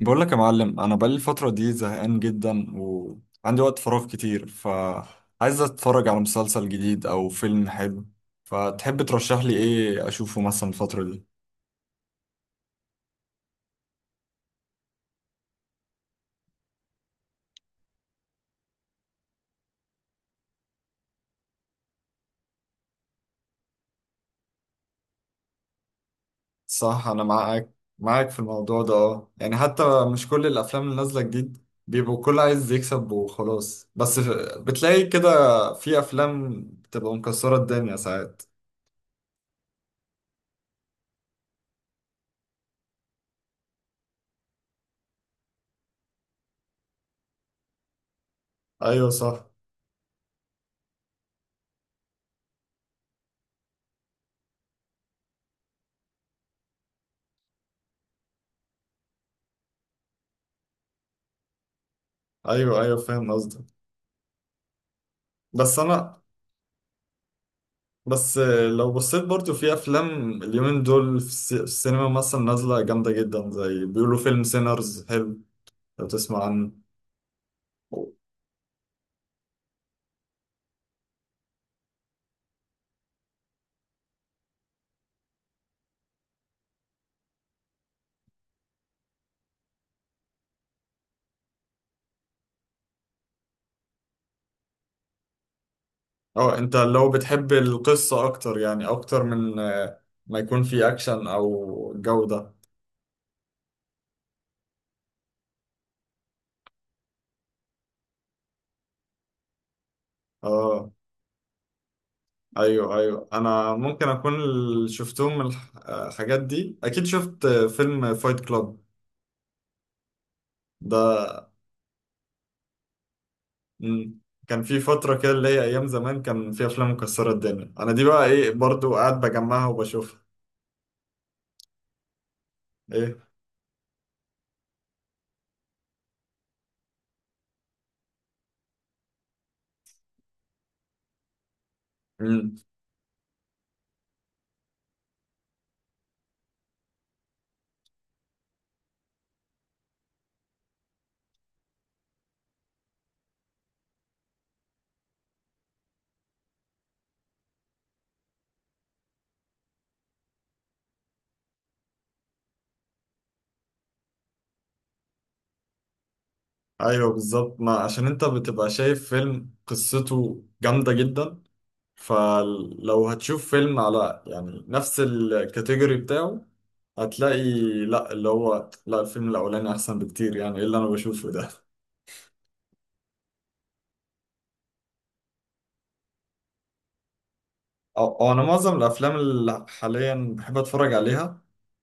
بقول لك يا معلم، انا بقالي الفتره دي زهقان جدا وعندي وقت فراغ كتير، فعايز اتفرج على مسلسل جديد او فيلم حلو. فتحب ترشح لي ايه اشوفه مثلا الفتره دي؟ صح، انا معاك في الموضوع ده. اه يعني حتى مش كل الافلام اللي نازله جديد بيبقوا كل عايز يكسب وخلاص، بس بتلاقي كده في افلام بتبقى مكسره الدنيا ساعات. ايوه صح. ايوه ايوه فاهم قصدك. بس انا، بس لو بصيت برضو في افلام اليومين دول في في السينما مثلا نازله جامده جدا، زي بيقولوا فيلم سينرز حلو، لو تسمع عنه. اه، انت لو بتحب القصه اكتر، يعني اكتر من ما يكون في اكشن او جوده. اه ايوه ايوه، انا ممكن اكون اللي شفتهم من الحاجات دي. اكيد شفت فيلم فايت كلاب ده. مم. كان في فترة كده اللي هي أيام زمان كان في أفلام مكسرة الدنيا، أنا دي بقى إيه برضو قاعد بجمعها وبشوفها. إيه؟ مم. أيوه بالظبط، ما عشان أنت بتبقى شايف فيلم قصته جامدة جدا، فلو هتشوف فيلم على يعني نفس الكاتيجوري بتاعه هتلاقي، لا اللي هو لا، الفيلم الأولاني أحسن بكتير. يعني إيه اللي أنا بشوفه ده؟ أو أنا معظم الأفلام اللي حاليا بحب أتفرج عليها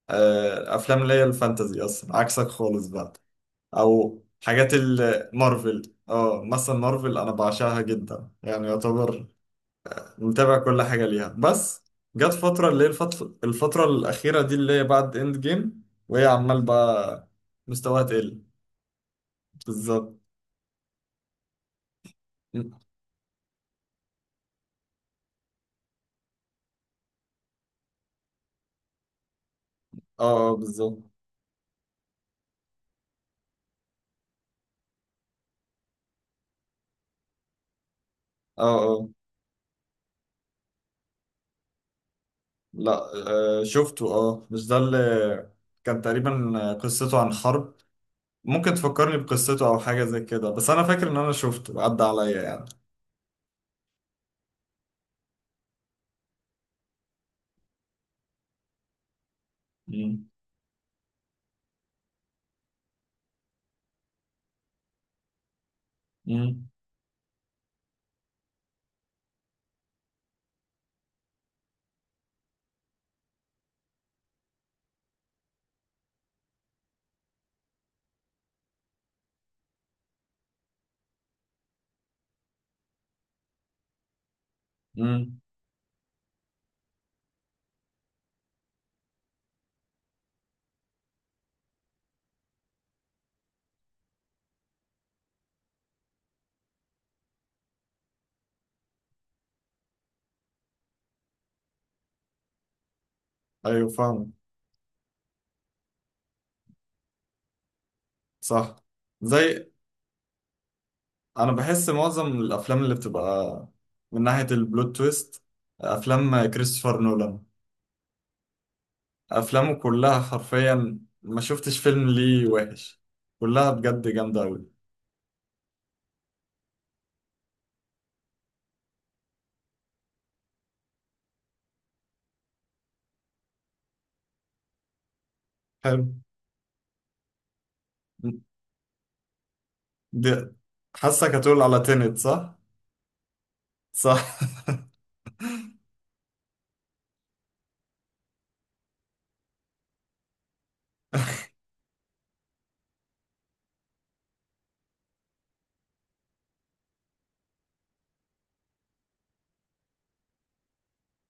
أفلام اللي هي الفانتازي، أصلا عكسك خالص بقى. او حاجات المارفل، اه مثلا مارفل انا بعشقها جدا، يعني يعتبر متابع كل حاجه ليها. بس جت فتره اللي هي الفتره الاخيره دي اللي هي بعد اند جيم وهي عمال بقى مستواها تقل. بالظبط. م- اه اه بالظبط. اه اه. لا شفته. اه، مش ده اللي كان تقريبا قصته عن حرب؟ ممكن تفكرني بقصته او حاجه زي كده، بس انا فاكر ان انا شفته عدى عليا يعني. مم. مم. مم. ايوه فاهم. صح. زي، انا بحس معظم الافلام اللي بتبقى من ناحية البلوت تويست، افلام كريستوفر نولان. افلامه كلها حرفيا ما شفتش فيلم ليه وحش، كلها بجد جامدة أوي. حلو دي. حاسك هتقول على تينت، صح؟ صح.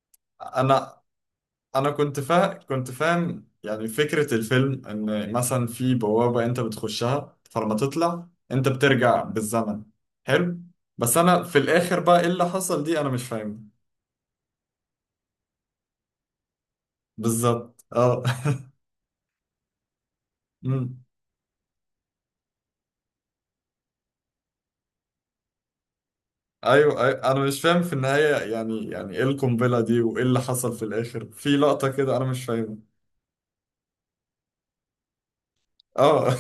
انا انا كنت فاهم يعني فكرة الفيلم ان مثلا في بوابة انت بتخشها، فلما تطلع انت بترجع بالزمن. حلو. بس انا في الاخر بقى ايه اللي حصل دي، انا مش فاهم. بالظبط اه. أمم. ايوه أيوة. انا مش فاهم في النهاية، يعني يعني ايه القنبلة دي وايه اللي حصل في الاخر في لقطة كده انا مش فاهمها. اه.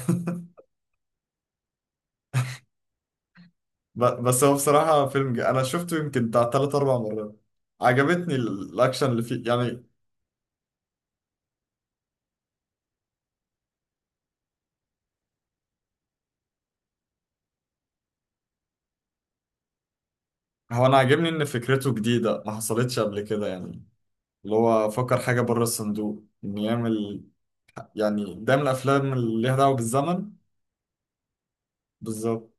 بس هو بصراحة فيلم جي. انا شفته يمكن بتاع تلات اربع مرات. عجبتني الاكشن اللي فيه يعني. هو انا عاجبني ان فكرته جديده، ما حصلتش قبل كده يعني، اللي هو فكر حاجه بره الصندوق ان يعمل، يعني ده من الافلام اللي ليها دعوه بالزمن. بالظبط.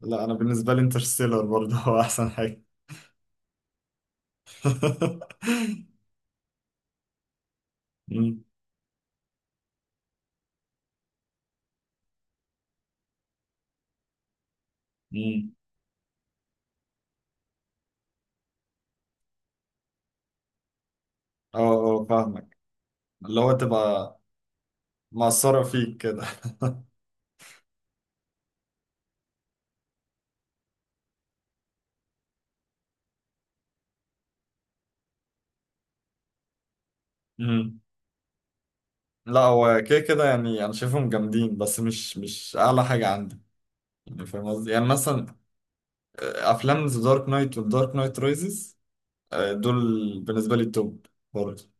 لا انا بالنسبه لي انترستيلر برضه هو احسن حاجه. أمم. أمم. اه اه فاهمك. اللي هو تبقى مأثره فيك كده. أمم. لا هو كده كده يعني انا شايفهم جامدين، بس مش اعلى حاجه عندي، يعني فاهم قصدي. يعني مثلا افلام ذا دارك نايت والدارك نايت رايزز، دول بالنسبة لي التوب برضه.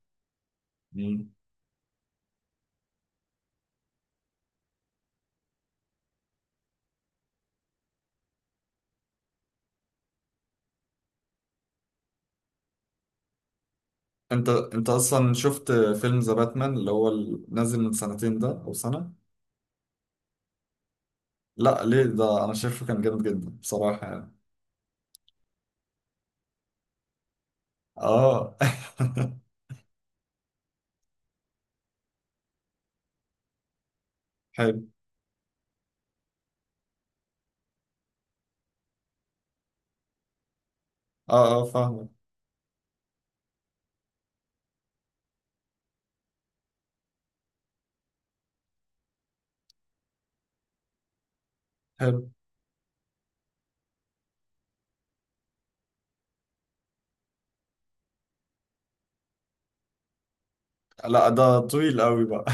مم. انت اصلا شفت فيلم ذا باتمان اللي هو نازل من سنتين ده او سنة؟ لا ليه، ده انا شايفه كان جامد جدا بصراحة يعني. اه. حلو. اه اه فاهمك. حلو. لا ده طويل قوي بقى.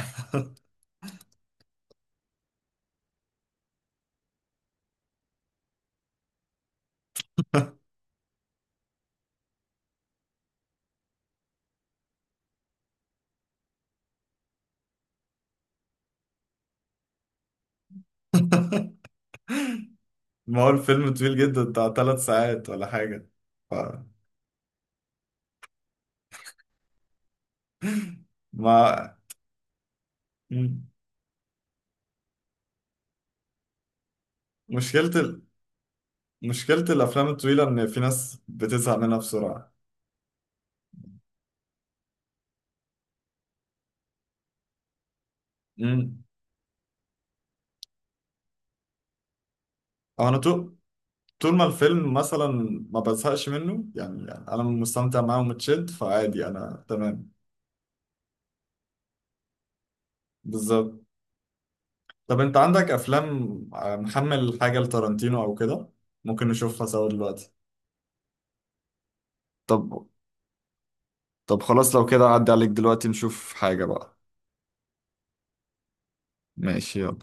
ما هو الفيلم طويل جدا بتاع 3 ساعات ولا حاجة. ف... ما. مم. مشكلة ال... مشكلة الأفلام الطويلة إن في ناس بتزهق منها بسرعة. مم. أو أنا تو، طول ما الفيلم مثلا ما بزهقش منه يعني، يعني انا مستمتع معاه ومتشد، فعادي انا تمام. بالظبط. طب انت عندك افلام محمل حاجة لتارانتينو او كده ممكن نشوفها سوا دلوقتي؟ طب طب خلاص لو كده عدي عليك دلوقتي نشوف حاجة بقى. ماشي يلا.